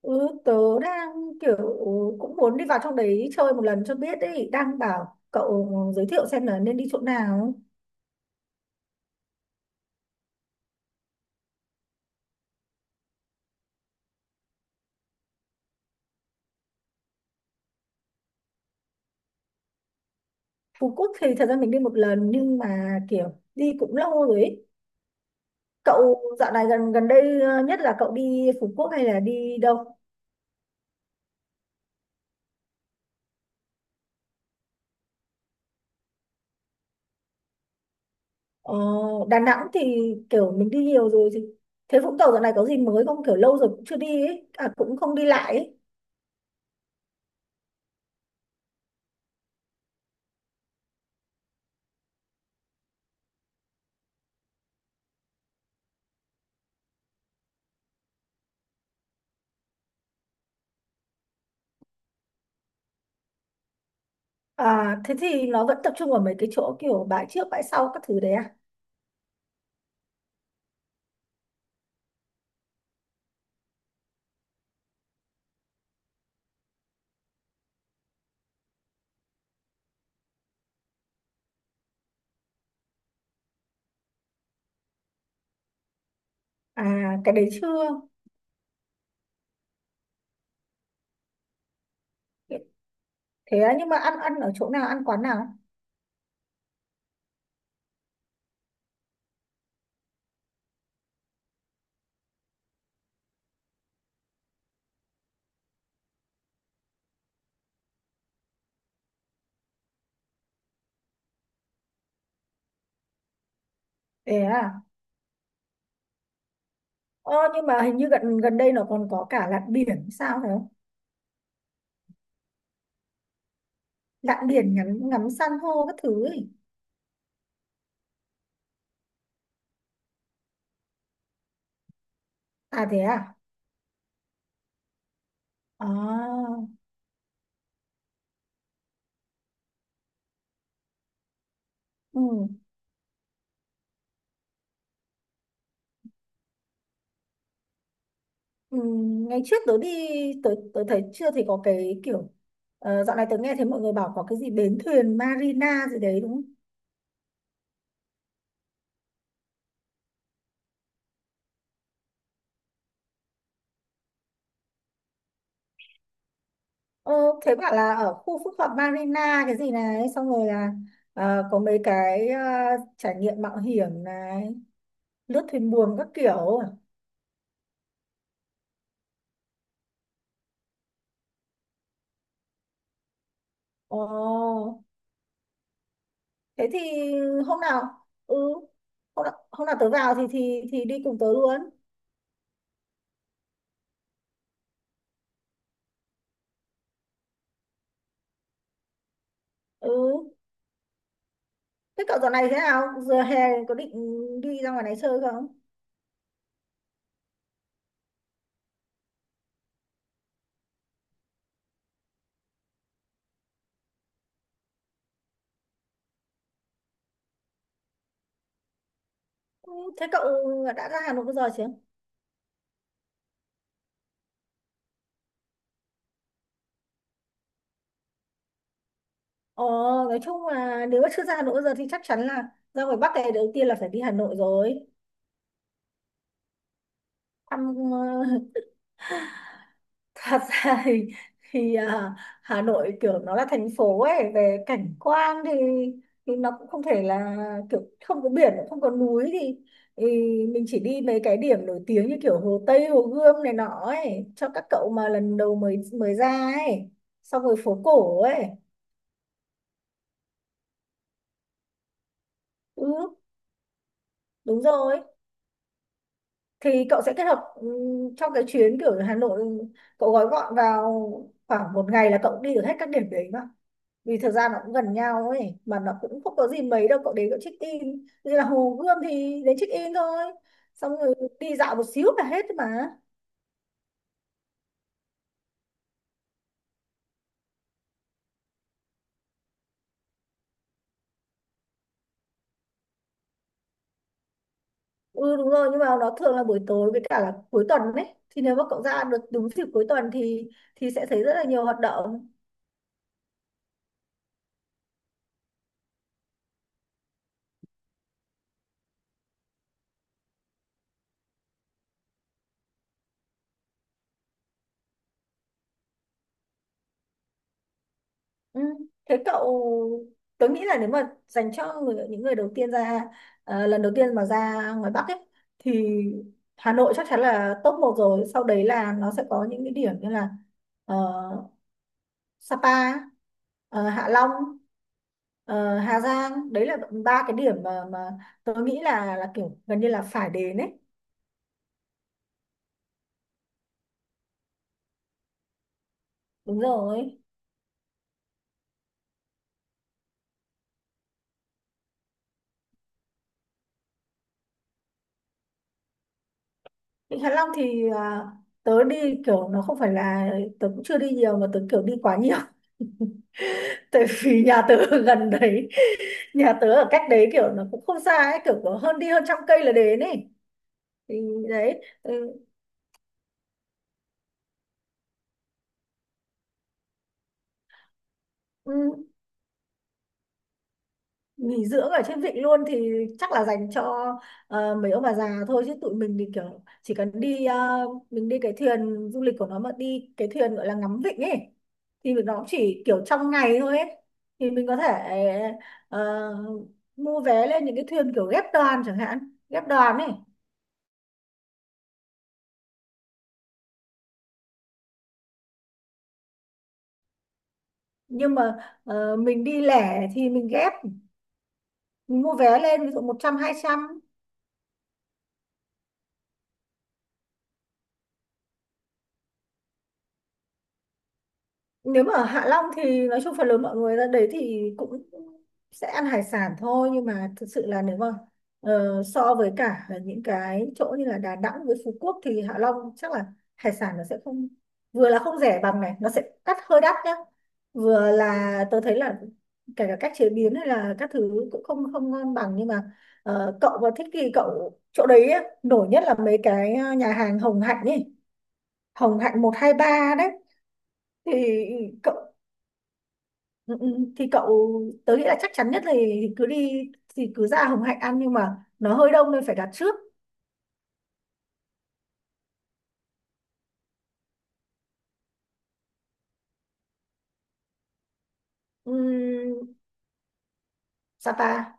Ừ, tớ đang kiểu cũng muốn đi vào trong đấy chơi một lần cho biết ấy đang bảo cậu giới thiệu xem là nên đi chỗ nào. Phú Quốc thì thật ra mình đi một lần nhưng mà kiểu đi cũng lâu rồi ấy. Cậu dạo này gần gần đây nhất là cậu đi Phú Quốc hay là đi đâu? ờ, Đà Nẵng thì kiểu mình đi nhiều rồi, thì thế Vũng Tàu dạo này có gì mới không, kiểu lâu rồi cũng chưa đi ấy à, cũng không đi lại ấy. À, thế thì nó vẫn tập trung ở mấy cái chỗ kiểu bãi trước bãi sau các thứ đấy à? À, cái đấy chưa. Thế á, nhưng mà ăn ăn ở chỗ nào, ăn quán nào? Thế à? Ờ, nhưng mà hình như gần gần đây nó còn có cả lặn biển sao phải không? Lặn biển ngắm ngắm san hô các thứ ấy. À thế à? À, ừ. Ừ. Ngày trước tớ đi, tớ thấy chưa thì có cái kiểu, ờ, dạo này tớ nghe thấy mọi người bảo có cái gì bến thuyền Marina gì đấy đúng không? Ờ, thế bảo là ở khu phức hợp Marina cái gì này, xong rồi là có mấy cái trải nghiệm mạo hiểm này, lướt thuyền buồm các kiểu. Ồ, thế thì hôm nào ừ, hôm nào tớ vào thì đi cùng tớ luôn. Ừ, thế cậu dạo này thế nào? Giờ hè có định đi ra ngoài này chơi không? Ừ, thế cậu đã ra Hà Nội bao giờ chưa? Ồ, nói chung là nếu mà chưa ra Hà Nội bao giờ thì chắc chắn là ra ngoài Bắc này đầu tiên là phải đi Hà Nội rồi. Thăm ờ, thật ra thì à, Hà Nội kiểu nó là thành phố ấy, về cảnh quan thì nó cũng không thể là, kiểu không có biển không có núi thì mình chỉ đi mấy cái điểm nổi tiếng như kiểu Hồ Tây Hồ Gươm này nọ ấy, cho các cậu mà lần đầu mới mới ra ấy, xong rồi phố cổ ấy. Ừ, đúng rồi, thì cậu sẽ kết hợp trong cái chuyến kiểu Hà Nội cậu gói gọn vào khoảng một ngày là cậu đi được hết các điểm đấy mà, vì thời gian nó cũng gần nhau ấy mà, nó cũng không có gì mấy đâu, cậu đến cậu check in như là Hồ Gươm thì đến check in thôi, xong rồi đi dạo một xíu là hết mà. Ừ đúng rồi, nhưng mà nó thường là buổi tối với cả là cuối tuần đấy, thì nếu mà cậu ra được đúng dịp cuối tuần thì sẽ thấy rất là nhiều hoạt động. Ừ. Thế cậu, tớ nghĩ là nếu mà dành cho người, những người đầu tiên ra lần đầu tiên mà ra ngoài Bắc ấy, thì Hà Nội chắc chắn là top 1 rồi, sau đấy là nó sẽ có những cái điểm như là ờ, Sapa, ờ, Hạ Long, ờ, Hà Giang, đấy là ba cái điểm mà tớ nghĩ là kiểu gần như là phải đến ấy. Đúng rồi. Vịnh Hạ Long thì à, tớ đi kiểu nó không phải là, tớ cũng chưa đi nhiều mà tớ kiểu đi quá nhiều, tại vì nhà tớ ở gần đấy, nhà tớ ở cách đấy kiểu nó cũng không xa ấy, kiểu có hơn đi hơn 100 cây là đến ấy, thì đấy. Ừ, ừ, nghỉ dưỡng ở trên vịnh luôn thì chắc là dành cho ờ, mấy ông bà già thôi, chứ tụi mình thì kiểu chỉ cần đi ờ, mình đi cái thuyền du lịch của nó, mà đi cái thuyền gọi là ngắm vịnh ấy, thì nó cũng chỉ kiểu trong ngày thôi ấy, thì mình có thể ờ, mua vé lên những cái thuyền kiểu ghép đoàn chẳng hạn, ghép đoàn ấy, nhưng mà ờ, mình đi lẻ thì mình ghép, mình mua vé lên ví dụ 100 200. Nếu mà ở Hạ Long thì nói chung phần lớn mọi người ra đấy thì cũng sẽ ăn hải sản thôi, nhưng mà thực sự là nếu mà ờ, so với cả những cái chỗ như là Đà Nẵng với Phú Quốc thì Hạ Long chắc là hải sản nó sẽ không, vừa là không rẻ bằng, này nó sẽ đắt, hơi đắt nhá, vừa là tôi thấy là kể cả cách chế biến hay là các thứ cũng không không ngon bằng, nhưng mà ờ, cậu mà thích thì cậu chỗ đấy á, nổi nhất là mấy cái ờ, nhà hàng Hồng Hạnh ấy, Hồng Hạnh 1 2 3 đấy. Thì cậu. Ừ, ừ. Thì cậu, tớ nghĩ là chắc chắn nhất là thì cứ đi, thì cứ ra Hồng Hạnh ăn, nhưng mà nó hơi đông nên phải đặt trước. Ừm, Sapa.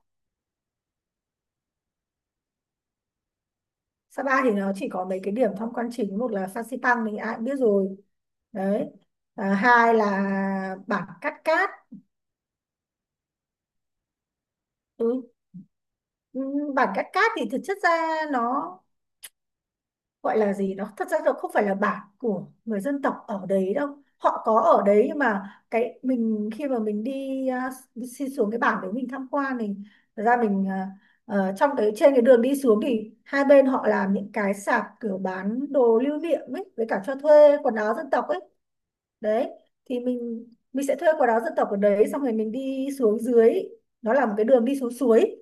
Sapa thì nó chỉ có mấy cái điểm tham quan chính, một là Phan Xipang mình ai cũng biết rồi đấy, à, hai là bản Cát Cát. Ừ. Ừm, bản Cát Cát thì thực chất ra nó gọi là gì đó, thật ra là không phải là bản của người dân tộc ở đấy đâu, họ có ở đấy, nhưng mà cái mình khi mà mình đi à, xin xuống cái bản đấy mình tham quan thì thật ra mình à, ờ, trong cái trên cái đường đi xuống thì hai bên họ làm những cái sạp kiểu bán đồ lưu niệm ấy với cả cho thuê quần áo dân tộc ấy đấy, thì mình sẽ thuê quần áo dân tộc ở đấy xong rồi mình đi xuống dưới, nó là một cái đường đi xuống suối,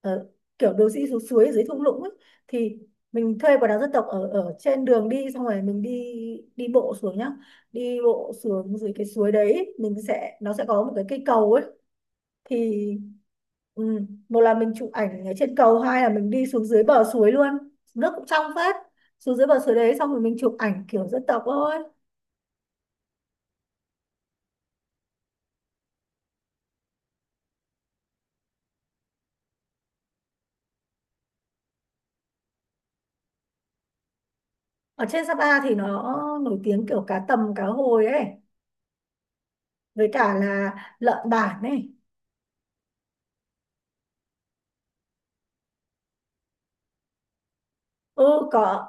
ờ, kiểu đồ sĩ xuống suối ở dưới thung lũng ấy. Thì mình thuê quần áo dân tộc ở ở trên đường đi xong rồi mình đi, đi bộ xuống nhá, đi bộ xuống dưới cái suối đấy, mình sẽ, nó sẽ có một cái cây cầu ấy, thì ừ, một là mình chụp ảnh ở trên cầu, hai là mình đi xuống dưới bờ suối luôn, nước cũng trong phết, xuống dưới bờ suối đấy xong rồi mình chụp ảnh kiểu dân tộc thôi. Ở trên Sapa thì nó nổi tiếng kiểu cá tầm cá hồi ấy, với cả là lợn bản ấy. Ừ có,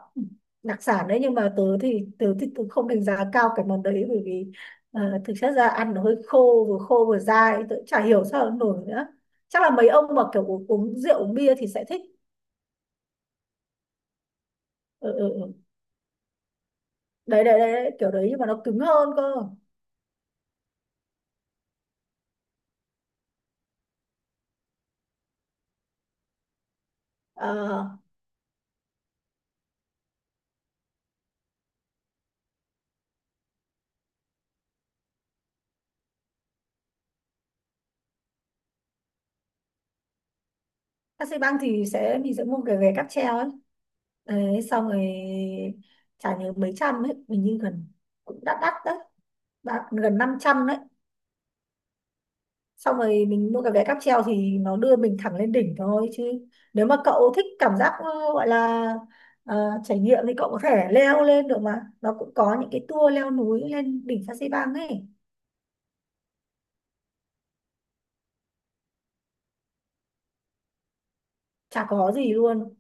đặc sản đấy, nhưng mà tớ thì tớ không đánh giá cao cái món đấy, bởi vì ờ, thực chất ra ăn nó hơi khô, vừa khô vừa dai, tớ chả hiểu sao nó nổi nữa. Chắc là mấy ông mà kiểu uống rượu uống bia thì sẽ thích. Ừ, ừ, ừ. Đấy, đấy, kiểu đấy, nhưng mà nó cứng hơn cơ. uh, Taxi băng thì sẽ, mình sẽ mua cái vé cáp treo ấy đấy, xong rồi trả nhớ mấy trăm ấy mình, như gần, cũng đắt đắt đấy. Đã- gần 500 đấy. Xong rồi mình mua cái vé cáp treo thì nó đưa mình thẳng lên đỉnh thôi, chứ nếu mà cậu thích cảm giác ờ, gọi là ờ, trải nghiệm thì cậu có thể leo lên được mà, nó cũng có những cái tour leo núi lên đỉnh Phan Xi Pang ấy. Chả có gì luôn,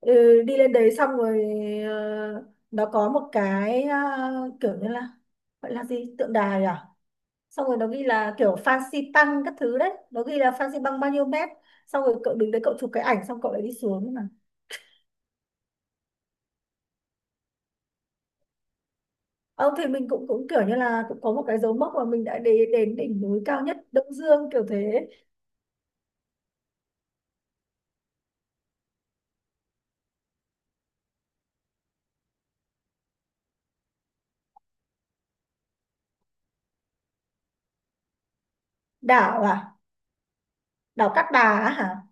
ừ, đi lên đấy xong rồi ờ, nó có một cái ờ, kiểu như là gọi là gì, tượng đài à, xong rồi nó ghi là kiểu Phan Xi Pang các thứ đấy, nó ghi là Phan Xi Pang bao nhiêu mét, xong rồi cậu đứng đấy cậu chụp cái ảnh xong cậu lại đi xuống. Ờ, thì mình cũng cũng kiểu như là cũng có một cái dấu mốc mà mình đã đến đến đỉnh núi cao nhất Đông Dương kiểu thế. Đảo à, đảo Cát Bà á hả.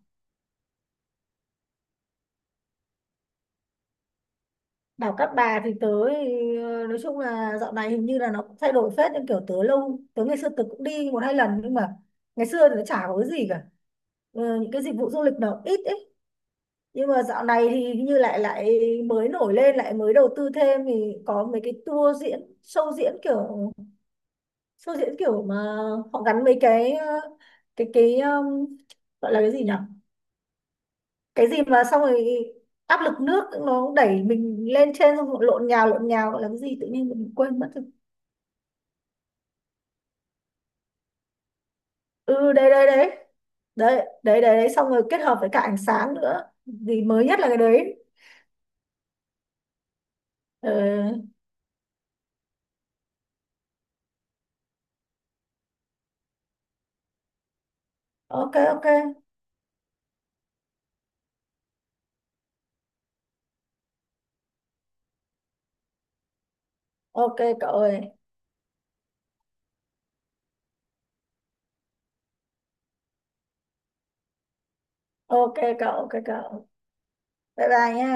Đảo Cát Bà thì tớ thì, ờ, nói chung là dạo này hình như là nó cũng thay đổi phết, nhưng kiểu tớ lâu tớ ngày xưa tớ cũng đi một hai lần, nhưng mà ngày xưa thì nó chả có cái gì cả. Ờ, những cái dịch vụ du lịch nó ít ấy, nhưng mà dạo này thì hình như lại lại mới nổi lên, lại mới đầu tư thêm, thì có mấy cái tour diễn, show diễn kiểu, show diễn kiểu mà họ gắn mấy cái ờ, cái gọi là cái gì nhỉ, cái gì mà xong rồi áp lực nước nó đẩy mình lên trên xong rồi lộn nhào, lộn nhào, gọi là cái gì tự nhiên mình quên mất rồi. Ừ, đấy đấy đấy đấy, đấy đấy đấy, xong rồi kết hợp với cả ánh sáng nữa, gì mới nhất là cái đấy. Ừ. OK OK. OK cậu ơi. OK cậu, OK cậu. Bye bye nha.